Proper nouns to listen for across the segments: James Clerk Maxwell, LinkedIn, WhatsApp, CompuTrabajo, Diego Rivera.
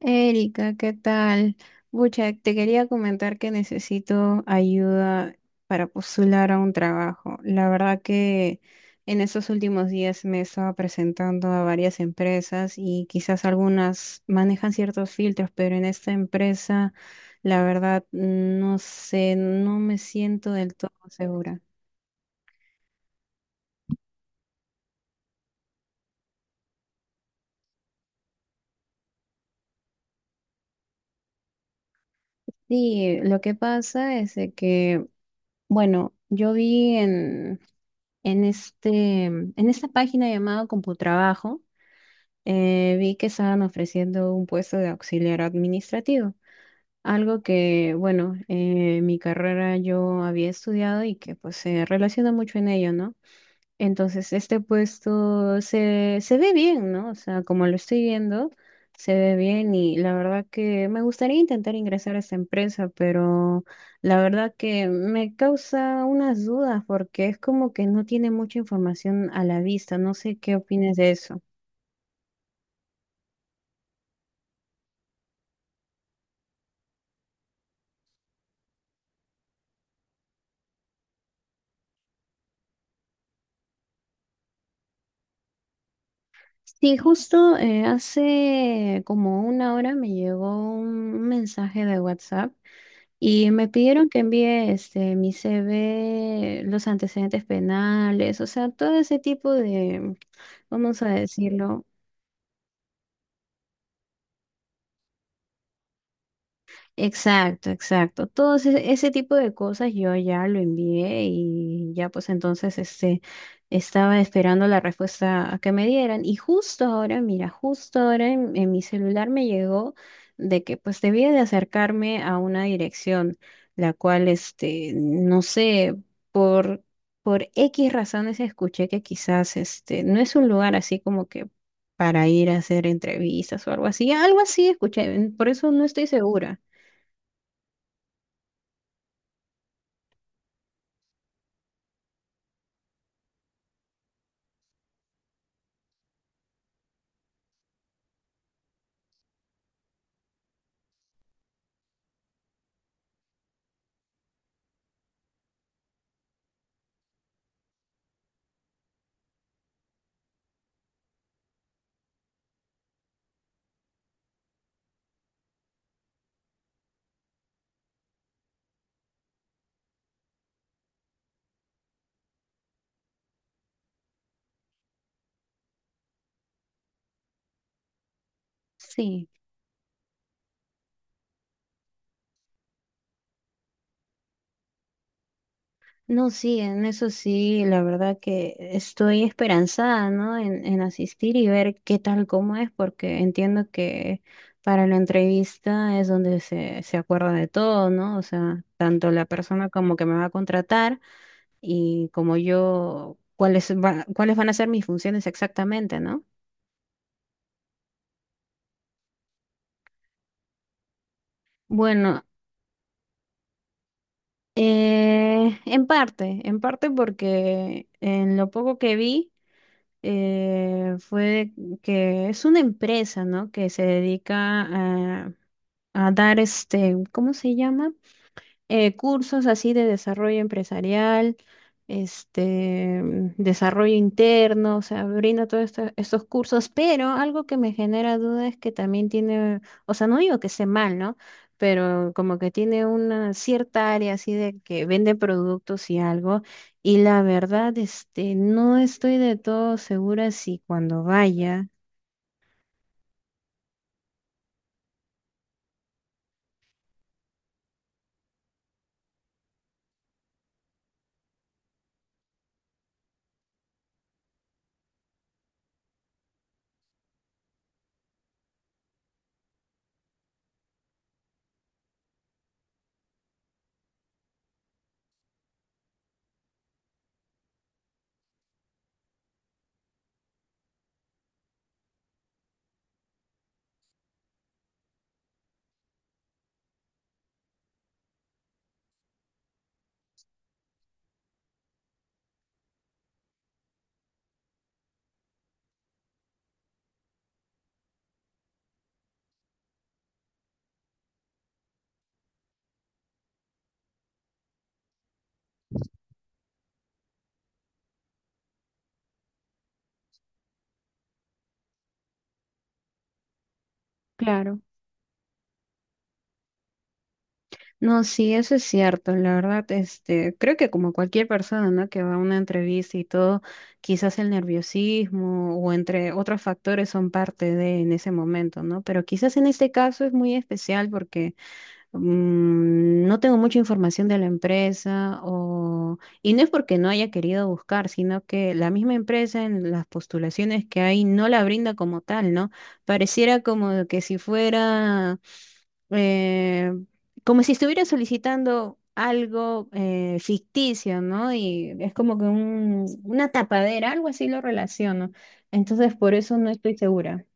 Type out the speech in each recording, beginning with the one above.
Erika, ¿qué tal? Bucha, te quería comentar que necesito ayuda para postular a un trabajo. La verdad que en estos últimos días me he estado presentando a varias empresas y quizás algunas manejan ciertos filtros, pero en esta empresa, la verdad, no sé, no me siento del todo segura. Sí, lo que pasa es de que, bueno, yo vi. En esta página llamada CompuTrabajo, vi que estaban ofreciendo un puesto de auxiliar administrativo, algo que, bueno, mi carrera yo había estudiado y que pues se relaciona mucho en ello, ¿no? Entonces, este puesto se ve bien, ¿no? O sea, como lo estoy viendo, se ve bien y la verdad que me gustaría intentar ingresar a esta empresa, pero la verdad que me causa unas dudas porque es como que no tiene mucha información a la vista. No sé qué opinas de eso. Sí, justo hace como una hora me llegó un mensaje de WhatsApp. Y me pidieron que envíe este, mi CV, los antecedentes penales, o sea, todo ese tipo de, vamos a decirlo. Exacto, exacto. Todo ese tipo de cosas yo ya lo envié y ya pues entonces este estaba esperando la respuesta a que me dieran y justo ahora, mira, justo ahora en mi celular me llegó de que pues debía de acercarme a una dirección la cual este no sé por por X razones escuché que quizás este no es un lugar así como que para ir a hacer entrevistas o algo así escuché, por eso no estoy segura. Sí, no, sí, en eso sí, la verdad que estoy esperanzada, ¿no? En asistir y ver qué tal, cómo es, porque entiendo que para la entrevista es donde se acuerda de todo, ¿no? O sea, tanto la persona como que me va a contratar y como yo, cuáles, cuáles van a ser mis funciones exactamente, ¿no? Bueno, en parte porque en lo poco que vi... fue que es una empresa, ¿no? Que se dedica a, a dar este, ¿cómo se llama? Cursos así de desarrollo empresarial, este, mm, desarrollo interno, o sea, brinda todos estos cursos, pero algo que me genera duda es que también tiene, o sea, no digo que esté mal, ¿no? Pero como que tiene una cierta área así de que vende productos y algo, y la verdad, este, no estoy de todo segura si cuando vaya, claro. No, sí, eso es cierto, la verdad, este, creo que como cualquier persona, ¿no? que va a una entrevista y todo, quizás el nerviosismo o entre otros factores son parte de en ese momento, ¿no? Pero quizás en este caso es muy especial porque mm, no tengo mucha información de la empresa o... Y no es porque no haya querido buscar, sino que la misma empresa en las postulaciones que hay no la brinda como tal, ¿no? Pareciera como que si fuera... eh, como si estuviera solicitando algo ficticio, ¿no? Y es como que una tapadera, algo así lo relaciono. Entonces, por eso no estoy segura.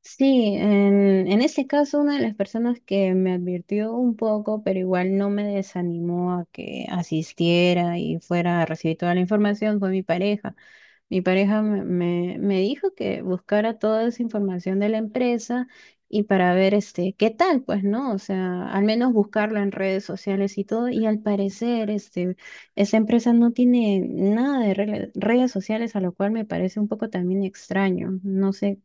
Sí, en ese caso una de las personas que me advirtió un poco, pero igual no me desanimó a que asistiera y fuera a recibir toda la información, fue mi pareja. Mi pareja me dijo que buscara toda esa información de la empresa y para ver este, qué tal, pues, ¿no? O sea, al menos buscarla en redes sociales y todo. Y al parecer, este, esa empresa no tiene nada de redes sociales, a lo cual me parece un poco también extraño. No sé,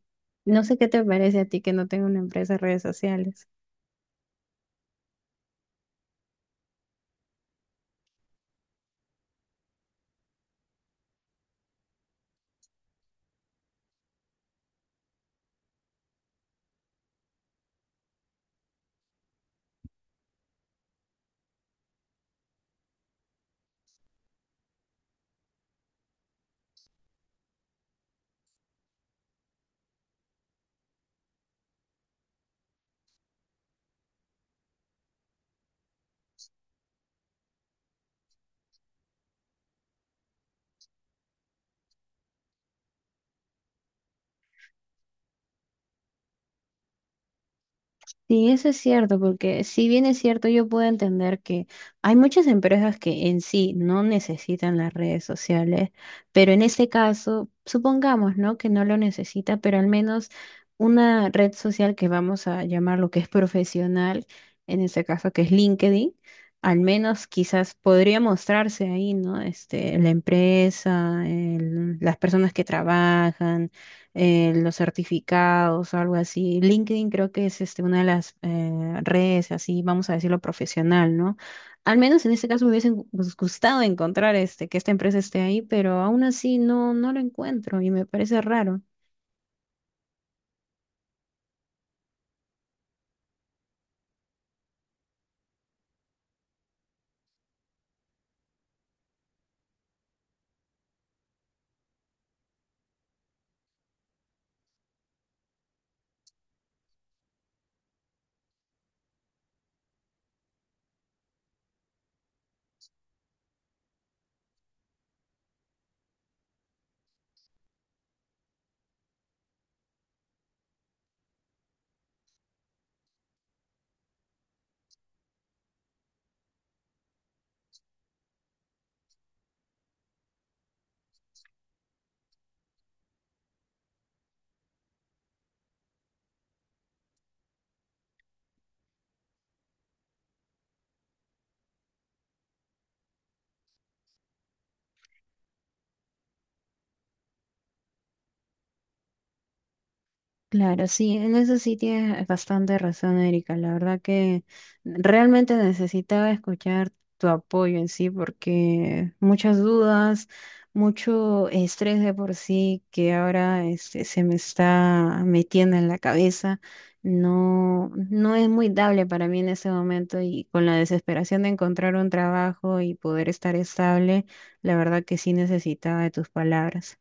no sé qué te parece a ti que no tenga una empresa de redes sociales. Sí, eso es cierto, porque si bien es cierto, yo puedo entender que hay muchas empresas que en sí no necesitan las redes sociales, pero en este caso, supongamos, ¿no? que no lo necesita, pero al menos una red social que vamos a llamar lo que es profesional, en este caso que es LinkedIn, al menos quizás podría mostrarse ahí, ¿no? Este, la empresa, las personas que trabajan los certificados o algo así. LinkedIn creo que es este, una de las redes, así vamos a decirlo, profesional, ¿no? Al menos en este caso me hubiese gustado encontrar este, que esta empresa esté ahí, pero aún así no, no lo encuentro y me parece raro. Claro, sí, en eso sí tienes bastante razón, Erika. La verdad que realmente necesitaba escuchar tu apoyo en sí, porque muchas dudas, mucho estrés de por sí que ahora este, se me está metiendo en la cabeza, no, no es muy dable para mí en ese momento y con la desesperación de encontrar un trabajo y poder estar estable, la verdad que sí necesitaba de tus palabras.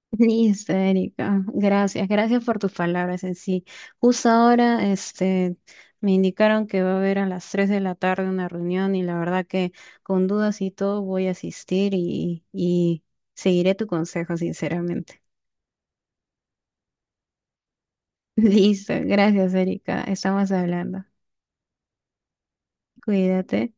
Listo, Erika. Gracias, gracias por tus palabras en sí. Justo ahora, este, me indicaron que va a haber a las 3 de la tarde una reunión y la verdad que con dudas y todo voy a asistir y seguiré tu consejo, sinceramente. Listo, gracias, Erika. Estamos hablando. Cuídate.